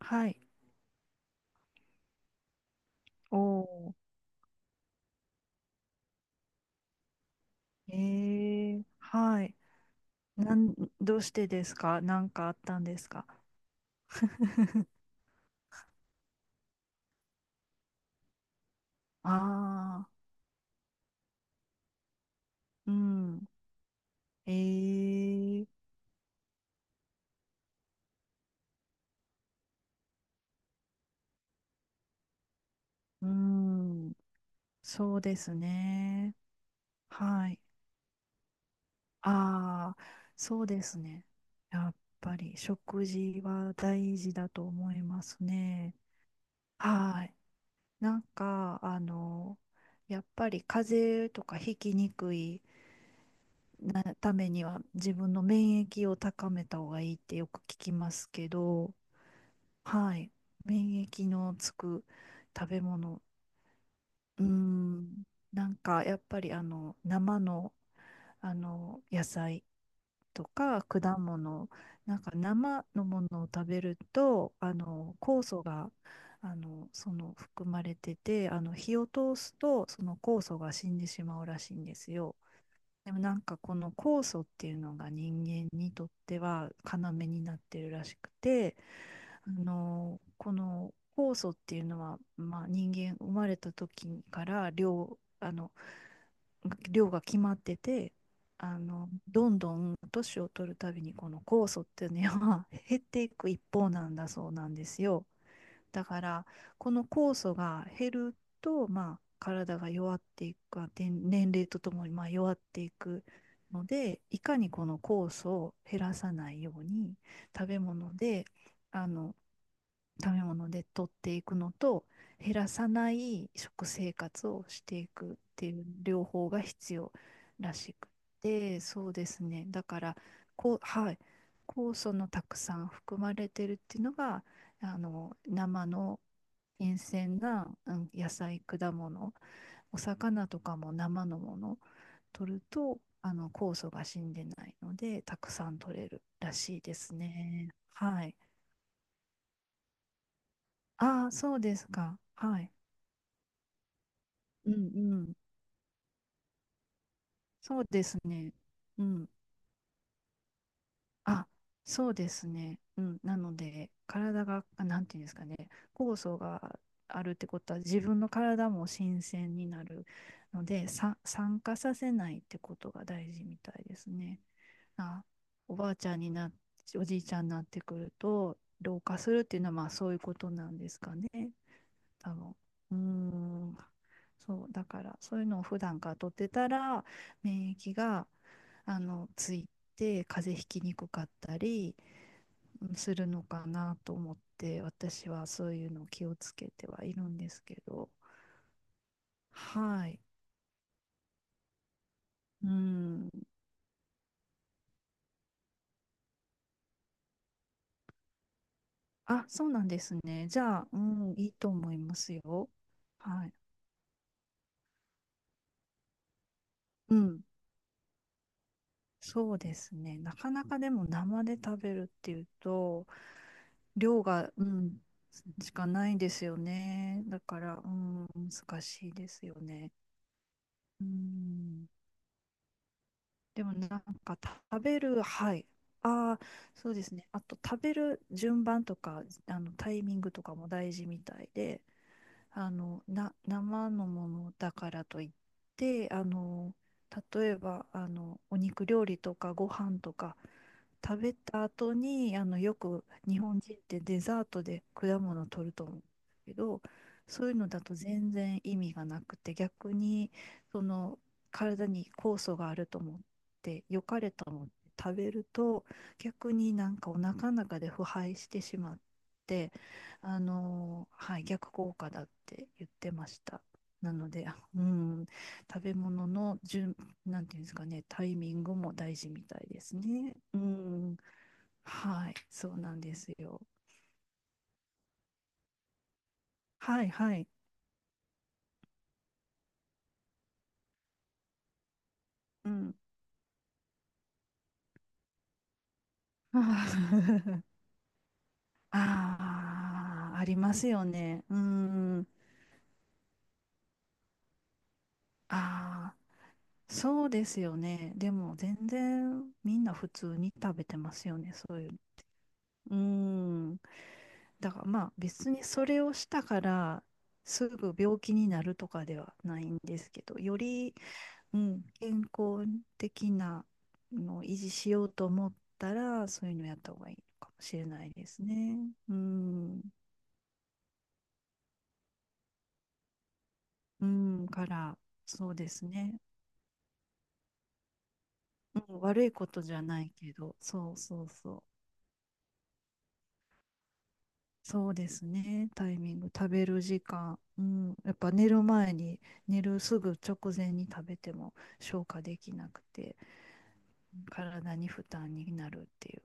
はい。おー。えはい。なん、どうしてですか？なんかあったんですか？ ああ、うん。えー、うん。そうですね。はい。ああ、そうですね。やっぱり食事は大事だと思いますね。はい。なんか、やっぱり風邪とかひきにくいなためには自分の免疫を高めた方がいいってよく聞きますけど、はい、免疫のつく食べ物、うーん、なんかやっぱり生の、野菜とか果物、なんか生のものを食べると、あの酵素が含まれてて、あの火を通すとその酵素が死んでしまうらしいんですよ。でもなんかこの酵素っていうのが人間にとっては要になってるらしくて、あのこの酵素っていうのは、まあ、人間生まれた時から量、あの量が決まってて、あのどんどん年を取るたびにこの酵素っていうのは減っていく一方なんだそうなんですよ。だからこの酵素が減ると、まあ、体が弱っていくか年齢とともにまあ弱っていくので、いかにこの酵素を減らさないように食べ物であの食べ物で取っていくのと、減らさない食生活をしていくっていう両方が必要らしくて、そうですね。だから、こう、はい、酵素のたくさん含まれてるっていうのが、あの、生の新鮮な、うん、野菜、果物、お魚とかも生のもの取ると、あの、酵素が死んでないので、たくさん取れるらしいですね。はい。ああ、そうですか。はい。うんうん。そうですね。うん。あ、そうですね。うん。なので、体が、あなんていうんですかね、酵素があるってことは、自分の体も新鮮になるので、酸化させないってことが大事みたいですね。あ、おばあちゃんになっ、おじいちゃんになってくると、老化するっていうのは、まあそういうことなんですかね。多分。うーん。そう、だから、そういうのを普段から取ってたら、免疫が、あの、ついて、風邪ひきにくかったりうんするのかなと思って、私はそういうのを気をつけてはいるんですけど。はい。うん。あ、そうなんですね。じゃあ、うん、いいと思いますよ。はい。うん。そうですね。なかなかでも生で食べるっていうと、量が、うん、しかないんですよね。だから、うん、難しいですよね。うん、でもなんか食べる、はい。ああ、そうですね。あと食べる順番とか、あのタイミングとかも大事みたいで、あのな生のものだからといって、あの、例えばあのお肉料理とかご飯とか食べた後にあのよく日本人ってデザートで果物を取ると思うけど、そういうのだと全然意味がなくて、逆にその体に酵素があると思って良かれと思って食べると、逆になんかお腹の中で腐敗してしまって。あの、はい、逆効果だって言ってました。なので、あうん、食べ物の順、なんていうんですかね、タイミングも大事みたいですね。うん、はい、そうなんですよ。はい、はい、うん。ああ、ありますよね。うん。ああ、そうですよね。でも全然みんな普通に食べてますよね、そういうの。うん。だからまあ別にそれをしたからすぐ病気になるとかではないんですけど、より、うん、健康的なのを維持しようと思ったら、そういうのやった方がいいのかもしれないですね。うん、うん、から、そうですね。うん、悪いことじゃないけど、そうそうそう。そうですね。タイミング、食べる時間、うん、やっぱ寝る前に、寝るすぐ直前に食べても消化できなくて、体に負担になるっていう。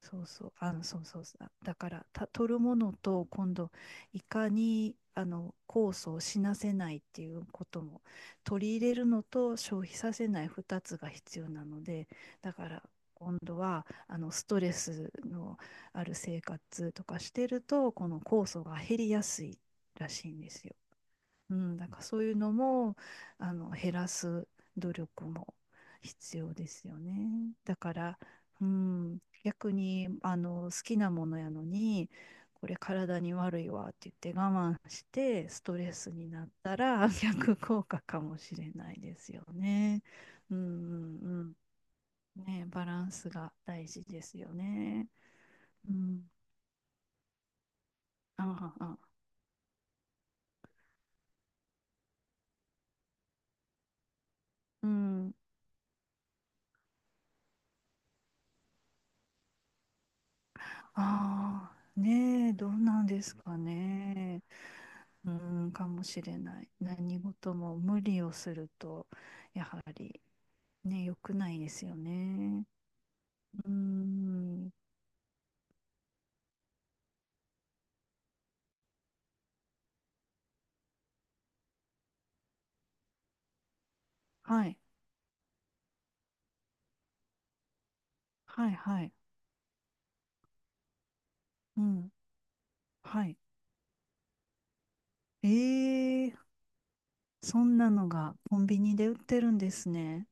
そうそう、あの、そうそうそう。だから、取るものと、今度、いかに、あの、酵素を死なせないっていうことも、取り入れるのと消費させない2つが必要なので、だから、今度は、あの、ストレスのある生活とかしてると、この酵素が減りやすいらしいんですよ。うん、だからそういうのもあの減らす努力も必要ですよね。だから、うん、逆にあの好きなものやのにこれ体に悪いわって言って我慢してストレスになったら 逆効果かもしれないですよね。うんうんうん。ね、バランスが大事ですよね。うん。ああ、ああうん。ああ、ねえ、どうなんですかね。うん、かもしれない。何事も無理をすると、やはりね、良くないですよね。うん、はい、はい、はい、うん、はい。えー、そんなのがコンビニで売ってるんですね。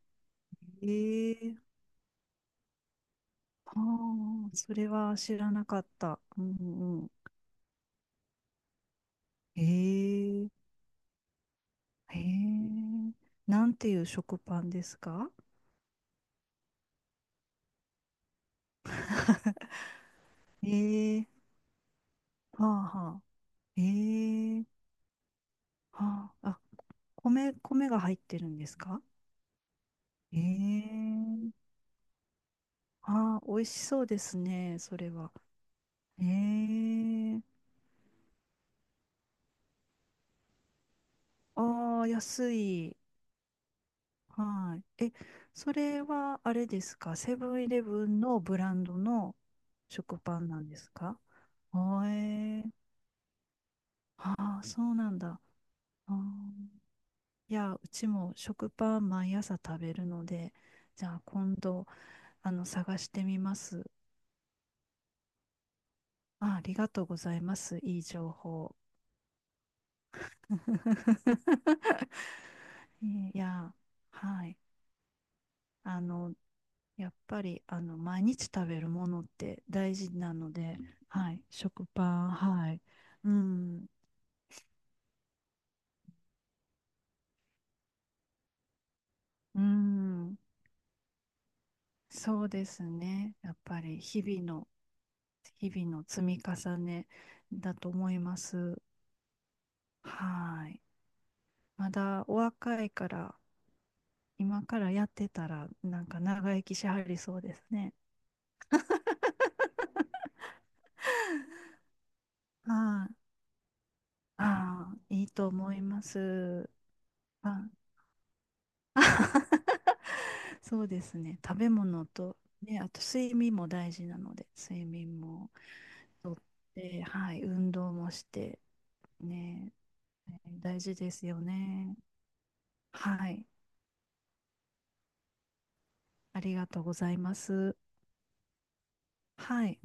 えー、はあ、それは知らなかった。うんうん。えー、えー、なんていう食パンですか？えー、はあはあ。えー、はあ、あ、米、米が入ってるんですか？ええ。ああ、美味しそうですね、それは。ええ。ああ、安い。はい。え、それはあれですか？セブンイレブンのブランドの食パンなんですか？あ、ええ、ああ、そうなんだ。ああ、いや、うちも食パン毎朝食べるので、じゃあ今度、あの、探してみます。あ、ありがとうございます。いい情報。いや、はい。あの、やっぱり、あの、毎日食べるものって大事なので、はい。食パン、はい。うん、うん。そうですね。やっぱり、日々の積み重ねだと思います。はい。まだお若いから、今からやってたら、なんか長生きしはりそうですね。はい。ああ、いいと思います。あ、そうですね。食べ物と、ね、あと睡眠も大事なので、睡眠もとって、はい、運動もして、ね、えー大事ですよね。はい、ありがとうございます。はい。